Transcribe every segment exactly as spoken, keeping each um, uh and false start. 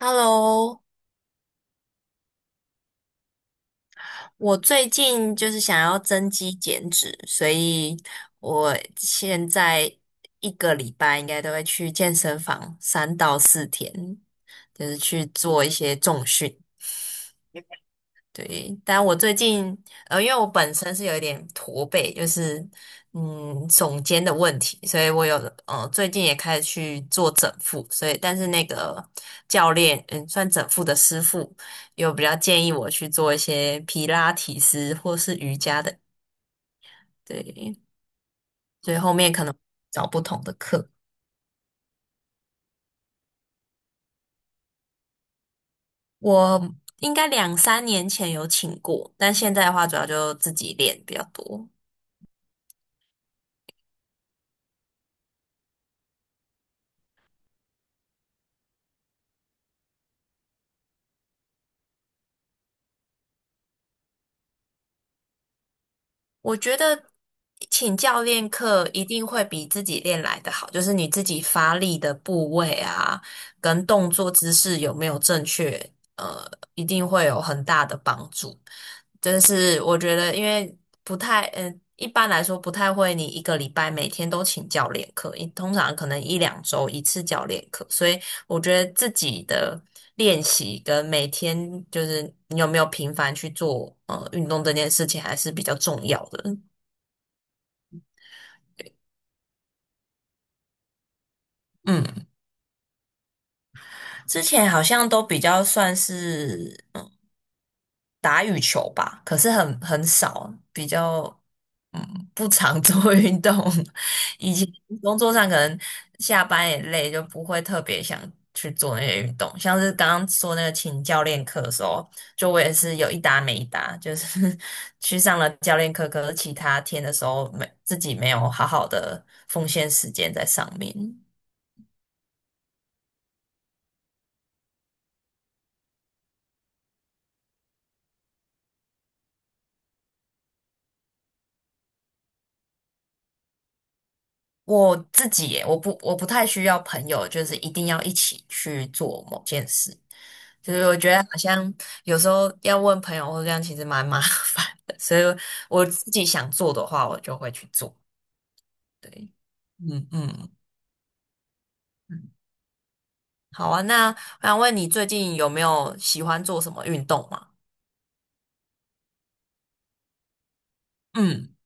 Hello，我最近就是想要增肌减脂，所以我现在一个礼拜应该都会去健身房三到四天，就是去做一些重训。对，但我最近呃，因为我本身是有一点驼背，就是嗯耸肩的问题，所以我有呃最近也开始去做整复，所以但是那个教练嗯算整复的师傅有比较建议我去做一些皮拉提斯或是瑜伽的，对，所以后面可能找不同的课。我应该两三年前有请过，但现在的话主要就自己练比较多。我觉得请教练课一定会比自己练来的好，就是你自己发力的部位啊，跟动作姿势有没有正确，呃，一定会有很大的帮助。真是我觉得，因为不太，嗯，一般来说不太会，你一个礼拜每天都请教练课，一通常可能一两周一次教练课，所以我觉得自己的练习跟每天就是你有没有频繁去做呃运动这件事情还是比较重要的。嗯，之前好像都比较算是。打羽球吧，可是很很少，比较嗯不常做 运动。以前工作上可能下班也累，就不会特别想去做那些运动。像是刚刚说那个请教练课的时候，就我也是有一搭没一搭，就是 去上了教练课，可是其他天的时候没自己没有好好的奉献时间在上面。我自己耶我不我不太需要朋友，就是一定要一起去做某件事。就是我觉得好像有时候要问朋友或这样，其实蛮麻 烦的。所以我自己想做的话，我就会去做。对，嗯嗯嗯，好啊。那我想问你，最近有没有喜欢做什么运动吗？嗯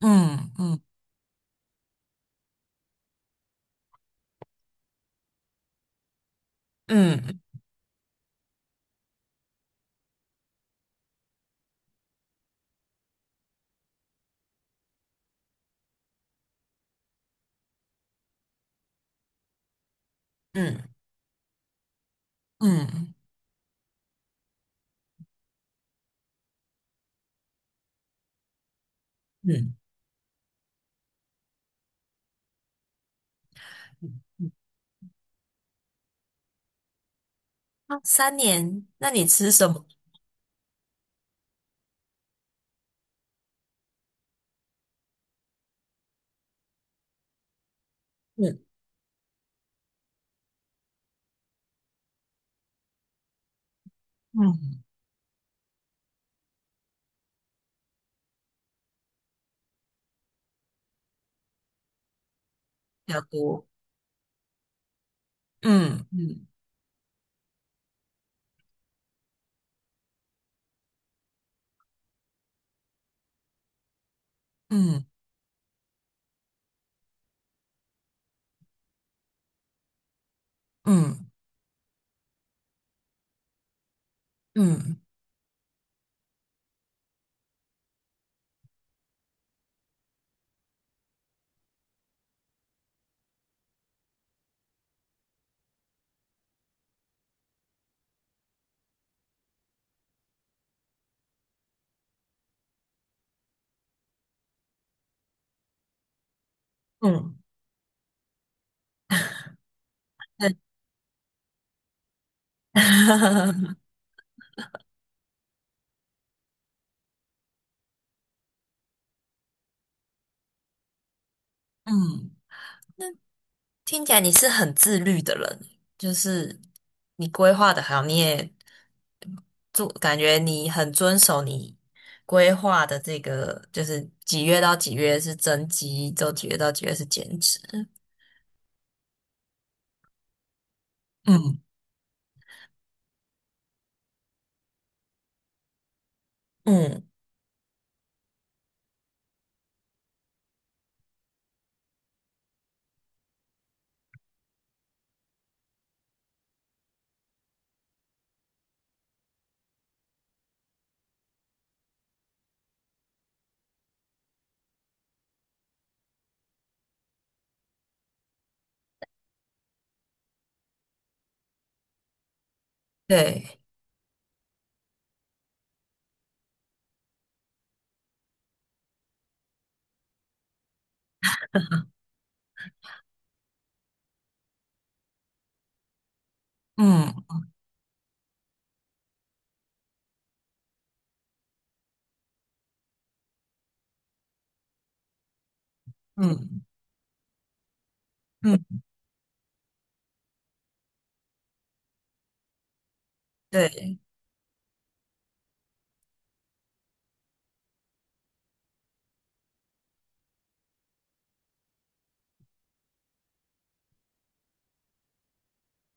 嗯嗯嗯嗯嗯嗯，啊三年，那你吃什么？嗯嗯，比较多。嗯嗯嗯嗯。嗯嗯，那 嗯，听起来你是很自律的人，就是你规划的好，你也做，感觉你很遵守你规划的这个，就是几月到几月是增肌，就几月到几月是减脂。嗯嗯，对嗯嗯嗯对，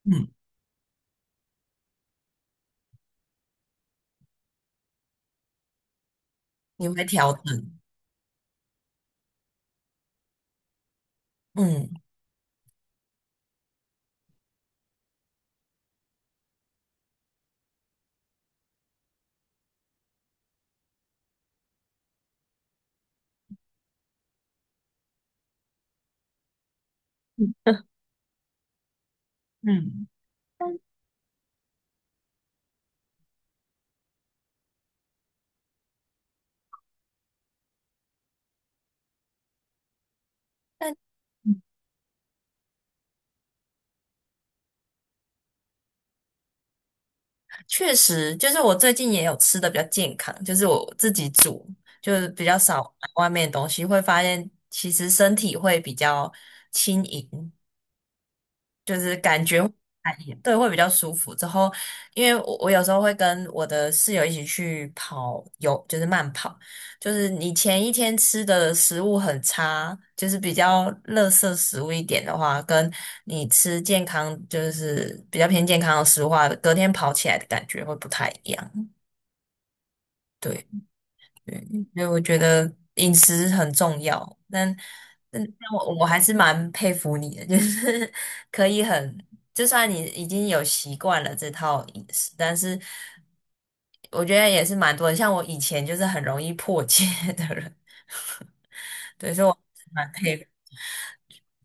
嗯你会调整。嗯，嗯确实，就是我最近也有吃的比较健康，就是我自己煮，就是比较少买外面的东西，会发现其实身体会比较轻盈，就是感觉会哎对会比较舒服。之后，因为我我有时候会跟我的室友一起去跑有就是慢跑，就是你前一天吃的食物很差，就是比较垃圾食物一点的话，跟你吃健康就是比较偏健康的食物的话，隔天跑起来的感觉会不太一样。对对，所以我觉得饮食很重要，但但但我我还是蛮佩服你的，就是 可以很，就算你已经有习惯了这套饮食，但是我觉得也是蛮多的像我以前就是很容易破戒 的人，可是我是蛮佩服，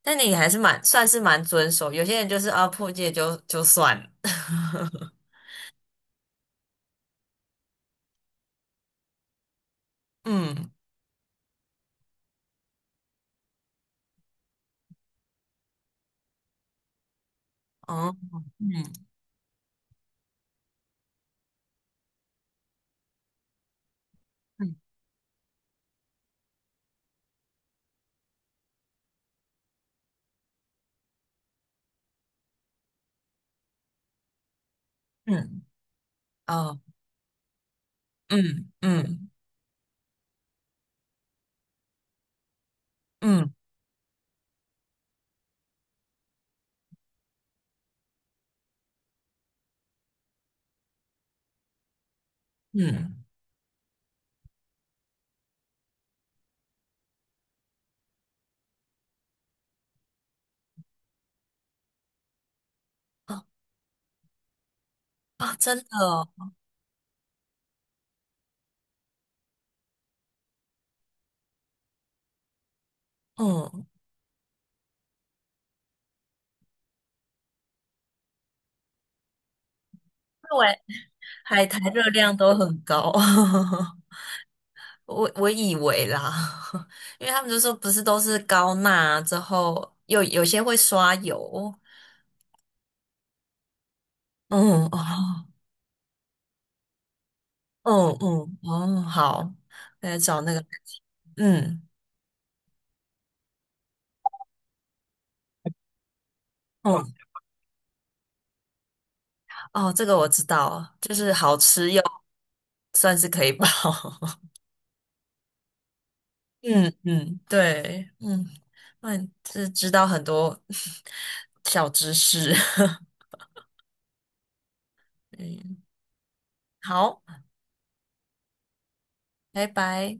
但你还是蛮算是蛮遵守，有些人就是啊破戒就就算了，嗯，哦，嗯嗯嗯，哦，嗯嗯嗯嗯。嗯啊，真的哦，嗯，因为海苔热量都很高，我我以为啦，因为他们就说不是都是高钠之后，有有些会刷油，嗯哦，嗯嗯哦，好，来找那个，嗯嗯哦，这个我知道，就是好吃又算是可以饱，嗯嗯，对，嗯，那你是知道很多 小知识，嗯，好。拜拜。